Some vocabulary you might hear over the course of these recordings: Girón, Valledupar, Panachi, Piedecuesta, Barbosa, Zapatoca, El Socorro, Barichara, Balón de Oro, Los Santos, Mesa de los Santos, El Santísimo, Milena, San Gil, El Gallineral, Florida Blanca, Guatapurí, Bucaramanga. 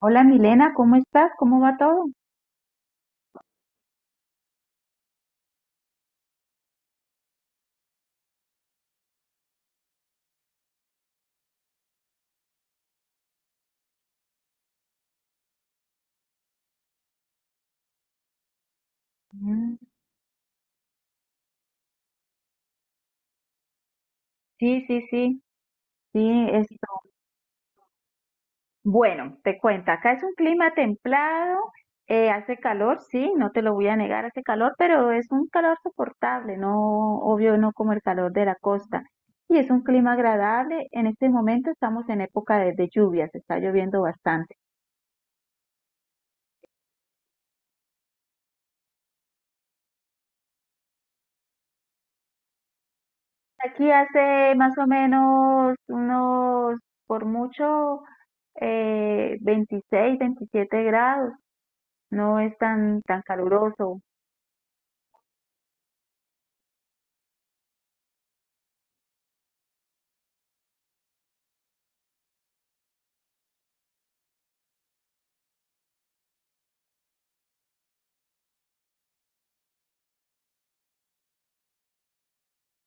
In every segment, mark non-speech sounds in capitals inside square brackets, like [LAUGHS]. Hola Milena, ¿cómo estás? ¿Cómo va todo? Mm, sí, sí, sí, sí, esto. Bueno, te cuento, acá es un clima templado, hace calor, sí, no te lo voy a negar, hace calor, pero es un calor soportable, no, obvio, no como el calor de la costa. Y es un clima agradable, en este momento estamos en época de lluvias, está lloviendo bastante. Aquí hace más o menos unos, por mucho, 26, 27 grados. No es tan, tan caluroso.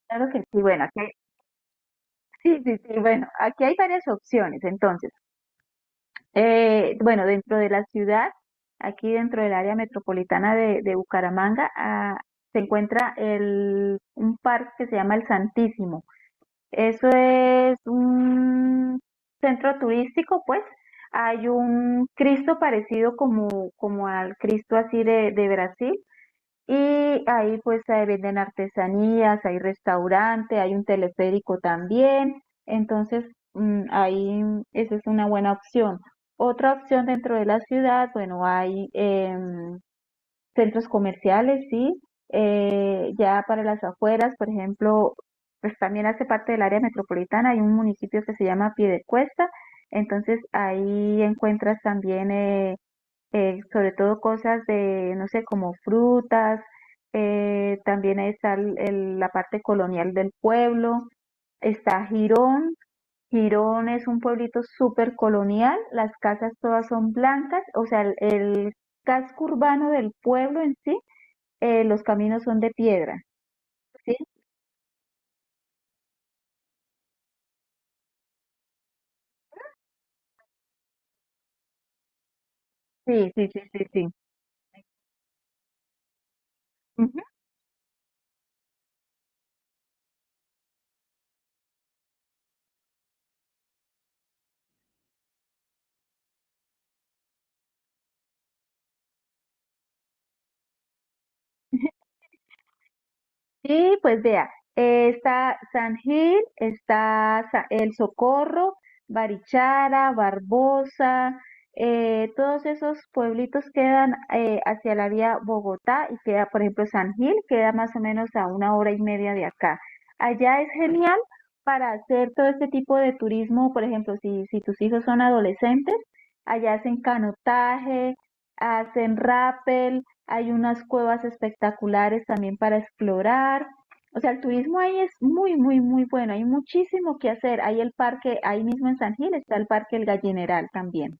Claro que sí, bueno, aquí, sí, sí, sí, bueno, aquí hay varias opciones. Entonces, bueno, dentro de la ciudad, aquí dentro del área metropolitana de Bucaramanga, ah, se encuentra el, un parque que se llama El Santísimo. Eso es un centro turístico, pues. Hay un Cristo parecido como, como al Cristo así de Brasil. Y ahí pues se venden artesanías, hay restaurante, hay un teleférico también. Entonces, ahí esa es una buena opción. Otra opción dentro de la ciudad, bueno, hay... centros comerciales, sí. Ya para las afueras, por ejemplo, pues también hace parte del área metropolitana, hay un municipio que se llama Piedecuesta, entonces ahí encuentras también sobre todo cosas de, no sé, como frutas, también ahí está la parte colonial del pueblo, está Girón. Girón es un pueblito súper colonial, las casas todas son blancas, o sea, el casco urbano del pueblo en sí, los caminos son de piedra. ¿Sí? Sí, sí, sí, sí, sí. Ujú. Sí, pues vea, está San Gil, está El Socorro, Barichara, Barbosa, todos esos pueblitos quedan hacia la vía Bogotá y queda, por ejemplo, San Gil, queda más o menos a una hora y media de acá. Allá es genial para hacer todo este tipo de turismo, por ejemplo, si, si tus hijos son adolescentes, allá hacen canotaje, hacen rappel, hay unas cuevas espectaculares también para explorar. O sea, el turismo ahí es muy, muy, muy bueno. Hay muchísimo que hacer. Hay el parque, ahí mismo en San Gil está el parque El Gallineral también.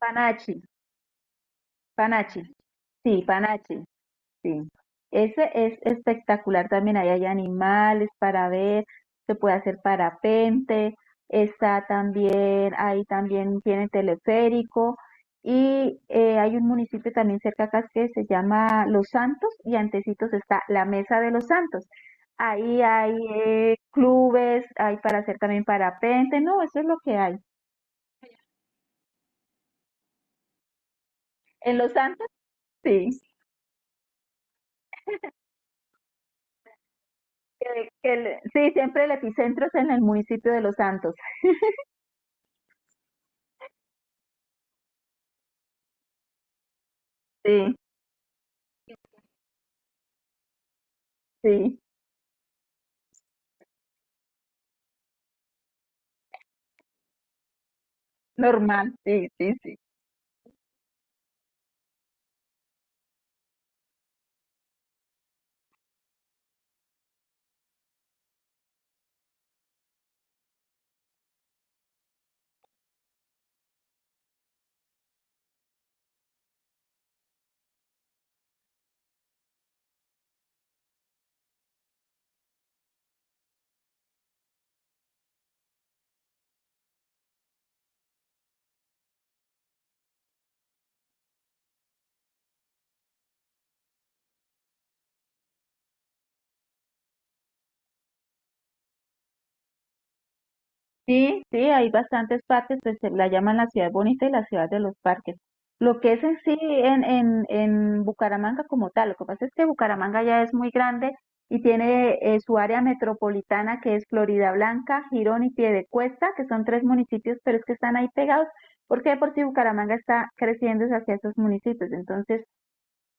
Panachi, Panachi, sí, Panachi. Sí, ese es espectacular también. Ahí hay animales para ver, se puede hacer parapente, está también, ahí también tiene teleférico y hay un municipio también cerca acá que se llama Los Santos y antecitos está la Mesa de los Santos. Ahí hay clubes, hay para hacer también parapente, no, eso es lo que hay. En Los Santos, sí. Sí, siempre el epicentro es en el municipio de Los Santos. Sí, sí. Normal, sí, sí, sí. Sí, sí, hay bastantes parques, pues se la llaman la ciudad bonita y la ciudad de los parques. Lo que es en sí en Bucaramanga como tal, lo que pasa es que Bucaramanga ya es muy grande y tiene su área metropolitana que es Florida Blanca, Girón y Piedecuesta, que son tres municipios, pero es que están ahí pegados, porque de por si Bucaramanga está creciendo hacia esos municipios. Entonces,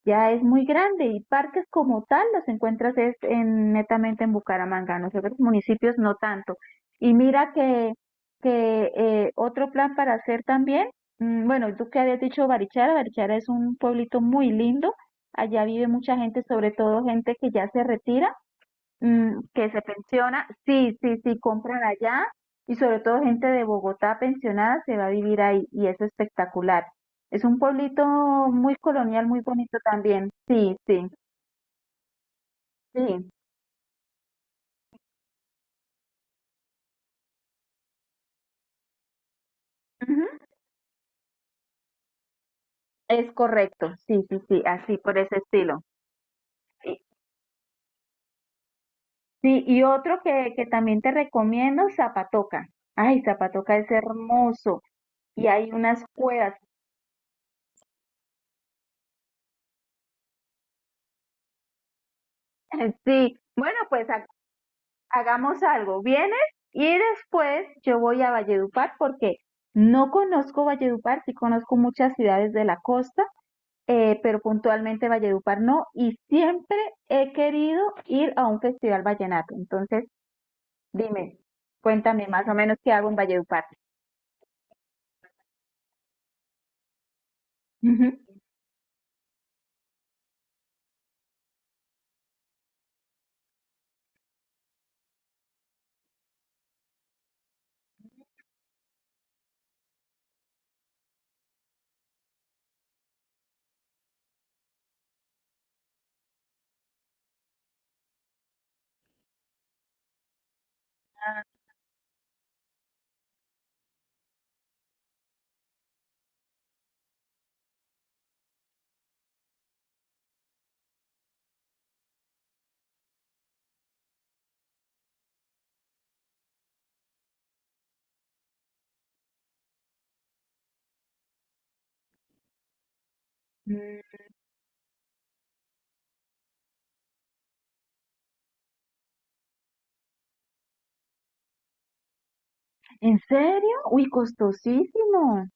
ya es muy grande y parques como tal los encuentras es en, netamente en Bucaramanga, en los otros municipios no tanto. Y mira que, otro plan para hacer también, bueno, tú que habías dicho Barichara, Barichara es un pueblito muy lindo, allá vive mucha gente, sobre todo gente que ya se retira. Mm, que se pensiona, sí, sí, sí, compran allá y sobre todo gente de Bogotá pensionada se va a vivir ahí y es espectacular. Es un pueblito muy colonial, muy bonito también. Sí, sí, sí. Ujú, es correcto, sí, sí, sí, así, por ese estilo. Y- Sí, y otro que también te recomiendo, Zapatoca. Ay, Zapatoca es hermoso y hay unas cuevas. [LAUGHS] Sí, bueno, pues hagamos algo, vienes y después yo voy a Valledupar porque no conozco Valledupar, sí conozco muchas ciudades de la costa, pero puntualmente Valledupar no, y siempre he querido ir a un festival vallenato. Entonces, dime, cuéntame más o menos qué hago en Valledupar. Ujú. Mm. ¿En serio? Uy, costosísimo.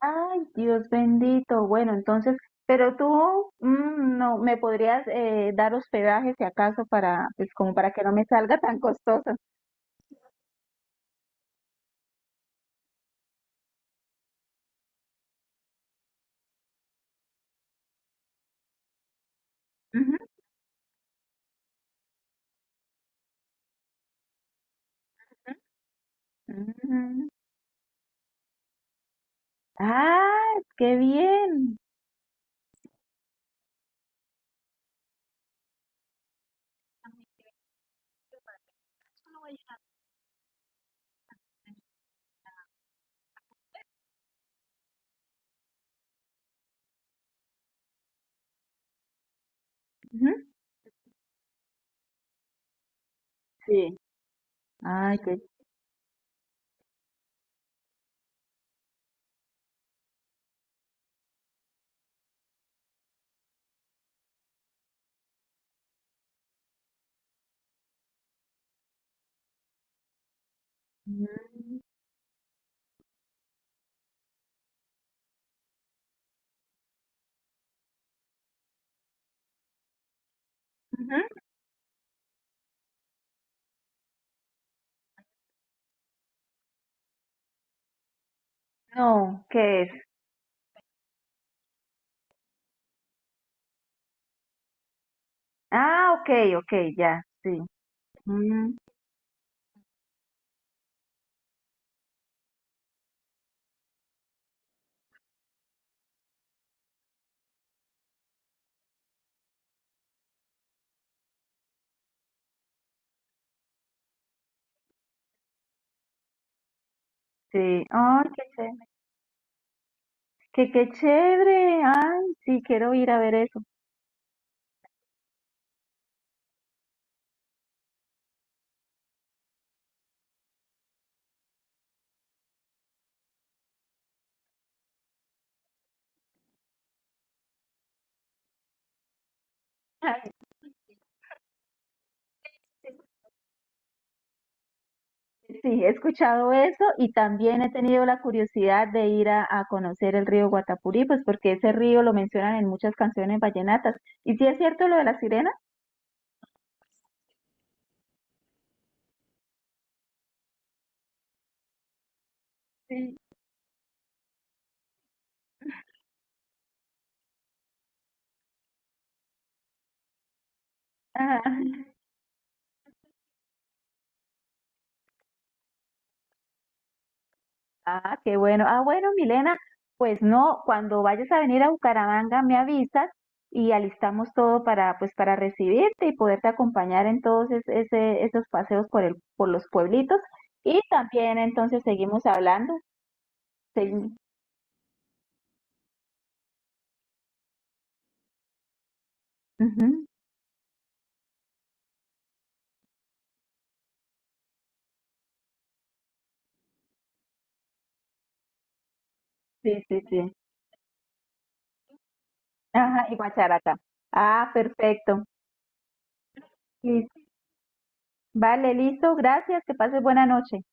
Ay, Dios bendito. Bueno, entonces, pero tú, no me podrías, dar hospedaje si acaso para, pues como para que no me salga tan costoso. Ujú, ujú. Mm. Ah, qué bien. Ujú. Sí. Ay, qué. Mm, ujú. No, ¿qué es? Ah, ok, ok, ya, sí. Mm, sí. Ay, qué chévere. Qué, qué chévere. Ay, sí, quiero ir a ver eso. [LAUGHS] Sí, he escuchado eso y también he tenido la curiosidad de ir a conocer el río Guatapurí, pues porque ese río lo mencionan en muchas canciones vallenatas. ¿Y si es cierto lo de la sirena? Sí. Ah, ah, qué bueno. Ah, bueno, Milena, pues no, cuando vayas a venir a Bucaramanga me avisas y alistamos todo para, pues, para recibirte y poderte acompañar en todos esos paseos por el, por los pueblitos. Y también entonces seguimos hablando. Sí, ujú, sí, sí, sí. Ajá, y guacharaca. Ah, perfecto. Listo. Vale, listo. Gracias. Que pases buena noche.